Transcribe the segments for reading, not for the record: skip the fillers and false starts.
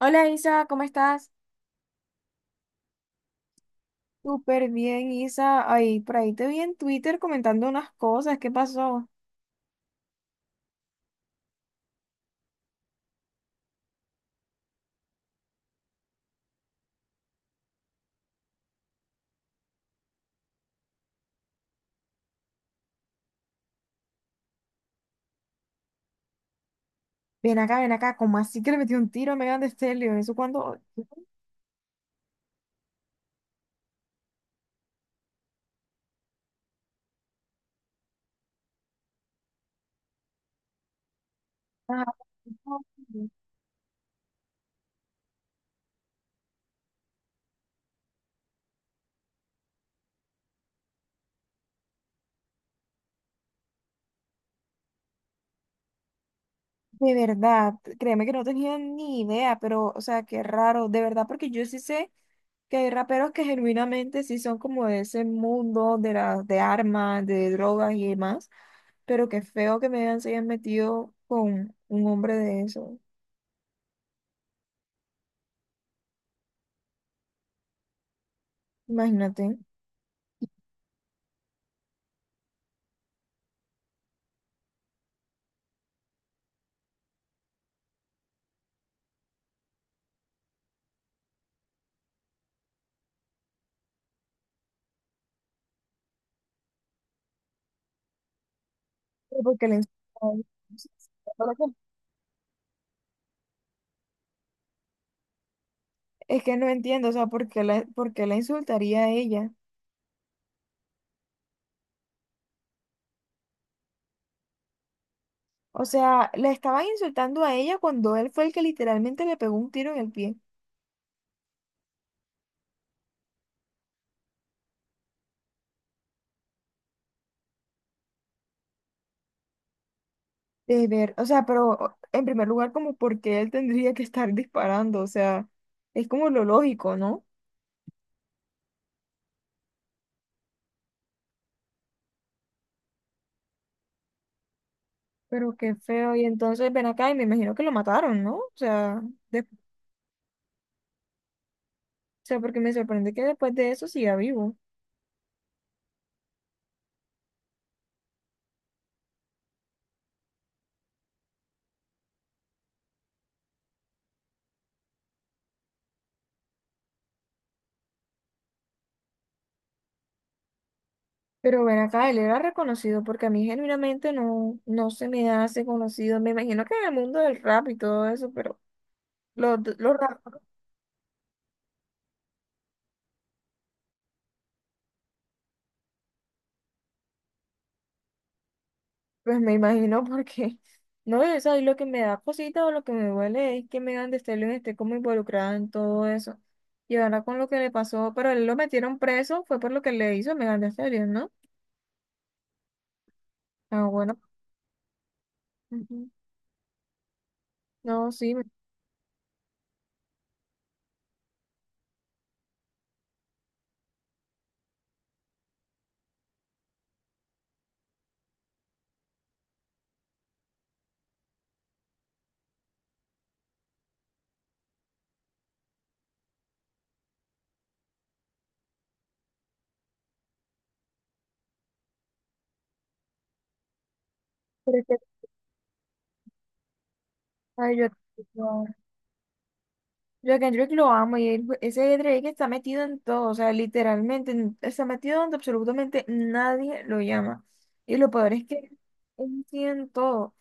Hola Isa, ¿cómo estás? Súper bien, Isa. Ay, por ahí te vi en Twitter comentando unas cosas. ¿Qué pasó? Ven acá, ¿cómo así que le metió un tiro a Megan Thee Stallion? ¿Eso cuando... Ah, de verdad, créeme que no tenía ni idea, pero, o sea, qué raro, de verdad, porque yo sí sé que hay raperos que genuinamente sí son como de ese mundo de las de armas, de drogas y demás, pero qué feo que Megan se haya metido con un hombre de eso. Imagínate. Porque le insultó. Es que no entiendo, o sea, por qué la insultaría a ella? O sea, la estaba insultando a ella cuando él fue el que literalmente le pegó un tiro en el pie. De ver, o sea, pero en primer lugar, como porque él tendría que estar disparando, o sea, es como lo lógico, ¿no? Pero qué feo, y entonces ven acá y me imagino que lo mataron, ¿no? O sea, de- o porque me sorprende que después de eso siga vivo. Pero ven acá, él era reconocido porque a mí genuinamente no, no se me hace conocido. Me imagino que en el mundo del rap y todo eso, pero los, los rap, pues me imagino porque, no, eso ahí lo que me da cosita o lo que me duele es que Megan Thee Stallion esté como involucrada en todo eso. Y ahora con lo que le pasó, pero él lo metieron preso, fue por lo que le hizo a Megan Thee Stallion, ¿no? Ah, bueno. Ujú. No, sí, pero es que, ay, yo, Yo a Kendrick lo amo ese Drake está metido en todo, o sea, literalmente está metido donde absolutamente nadie lo llama. Y lo peor es que él tiene en todo.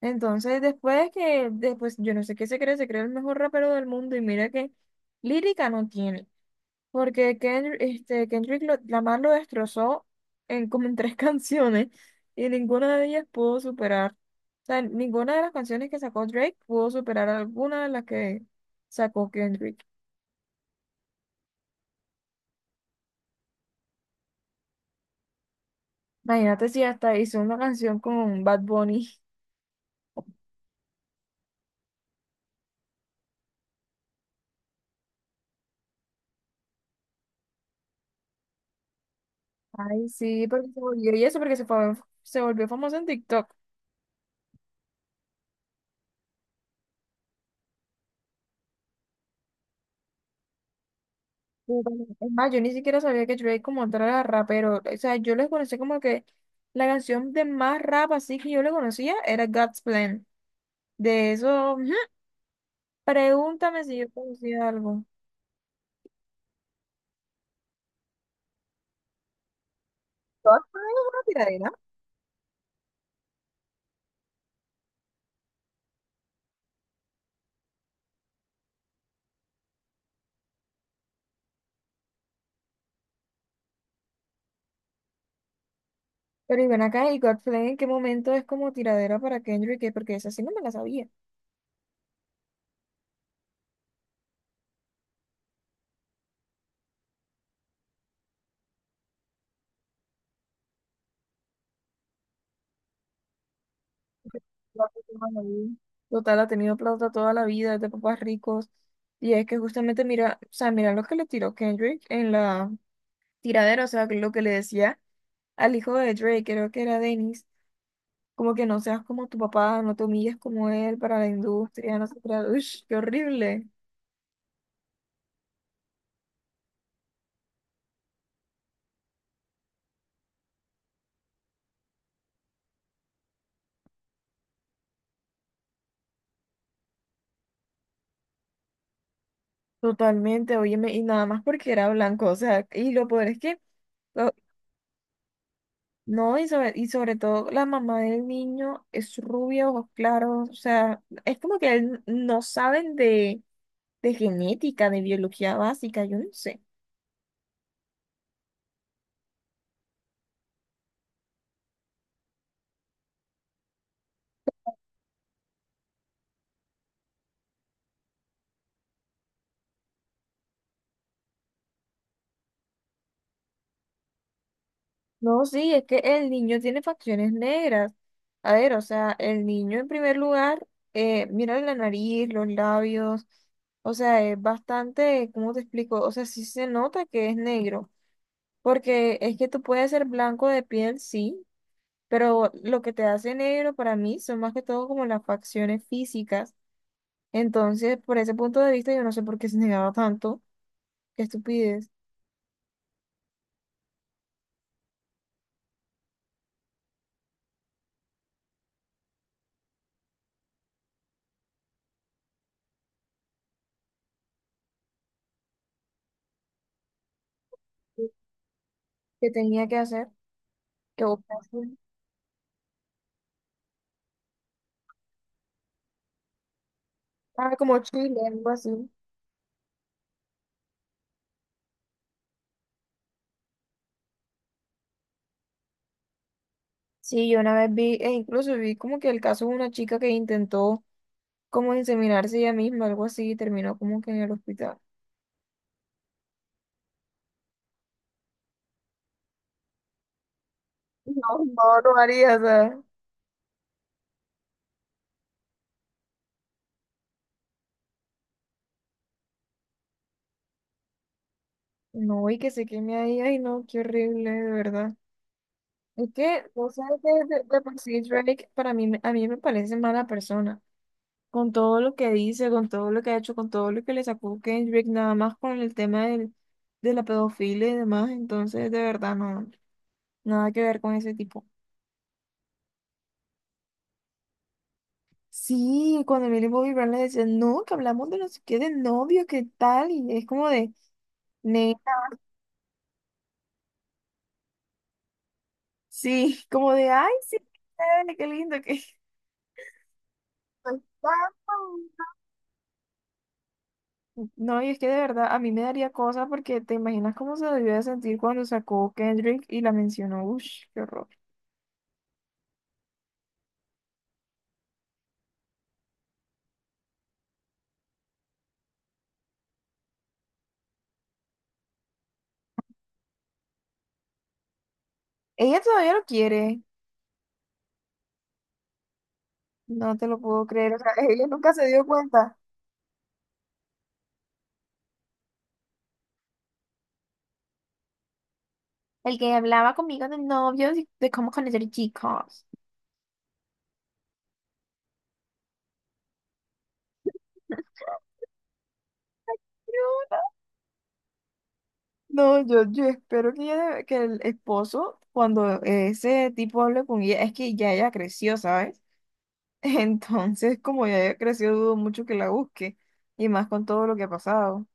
Entonces, después, yo no sé qué se cree el mejor rapero del mundo y mira que lírica no tiene, porque Kendrick, este, Kendrick lo- Lamar lo destrozó en como en tres canciones y ninguna de ellas pudo superar. O sea, ninguna de las canciones que sacó Drake pudo superar alguna de las que sacó Kendrick. Imagínate si hasta hizo una canción con Bad Bunny. Ay, sí, porque se volvió, y eso porque se, fue- se volvió famoso en TikTok. Pero Es más, yo ni siquiera sabía que Drake como tal era rapero. O sea, yo les conocí como que la canción de más rap así que yo le conocía era God's Plan. De eso, ujú, pregúntame si yo conocía algo. God's Plan es una tiradera. Pero y ven acá, ¿y God's Plan en qué momento es como tiradera para Kendrick? ¿Qué? Porque esa sí no me la sabía. Ahí. Total, ha tenido plata toda la vida, es de papás ricos. Y es que justamente mira, o sea, mira lo que le tiró Kendrick en la tiradera, o sea, lo que le decía al hijo de Drake, creo que era Dennis, como que no seas como tu papá, no te humilles como él para la industria, no sé, qué era. Ush, qué horrible. Totalmente, óyeme, y nada más porque era blanco, o sea, y lo peor es que, o, no, y sobre todo la mamá del niño es rubia, ojos claros, o sea, es como que no saben de genética, de biología básica, yo no sé. No, sí, es que el niño tiene facciones negras. A ver, o sea, el niño en primer lugar, mira la nariz, los labios, o sea, es bastante, ¿cómo te explico? O sea, sí se nota que es negro, porque es que tú puedes ser blanco de piel, sí, pero lo que te hace negro para mí son más que todo como las facciones físicas. Entonces, por ese punto de vista, yo no sé por qué se negaba tanto. Qué estupidez. ¿Qué tenía que hacer? Que votasen. Ah, como Chile, algo así. Sí, yo una vez vi, e incluso vi como que el caso de una chica que intentó como inseminarse ella misma, algo así, y terminó como que en el hospital. No, no, no haría, o sea. No, y que se queme ahí, ay no, qué horrible, de verdad. Es que, o sea, que de por sí Drake para mí, a mí me parece mala persona. Con todo lo que dice, con todo lo que ha hecho, con todo lo que le sacó Kendrick, nada más con el tema del, de la pedofilia y demás. Entonces, de verdad, no, nada que ver con ese tipo. Sí, cuando Millie Bobby Brown le decía no, que hablamos de no sé qué, de novio, qué tal, y es como de, neta, sí, como de, ay, sí, qué chévere, qué lindo, que... No, y es que de verdad a mí me daría cosa porque te imaginas cómo se debió de sentir cuando sacó Kendrick y la mencionó. Ush, qué horror. Ella todavía lo quiere. No te lo puedo creer. O sea, ella nunca se dio cuenta. El que hablaba conmigo de novios y de cómo conocer chicos. No, yo espero que, que el esposo, cuando ese tipo hable con ella, es que ya ella creció, ¿sabes? Entonces, como ya ella creció, dudo mucho que la busque. Y más con todo lo que ha pasado.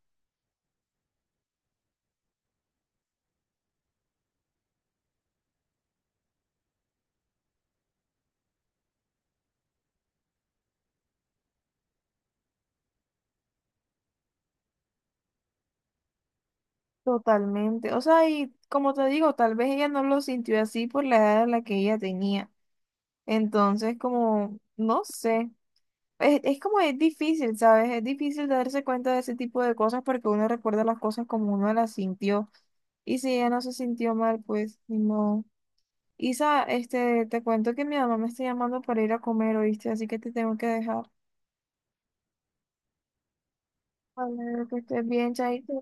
Totalmente. O sea, y como te digo, tal vez ella no lo sintió así por la edad a la que ella tenía. Entonces, como, no sé. Es como es difícil, ¿sabes? Es difícil darse cuenta de ese tipo de cosas porque uno recuerda las cosas como uno las sintió. Y si ella no se sintió mal, pues no. Isa, este, te cuento que mi mamá me está llamando para ir a comer, ¿oíste? Así que te tengo que dejar. Vale, que estés bien, Chaito.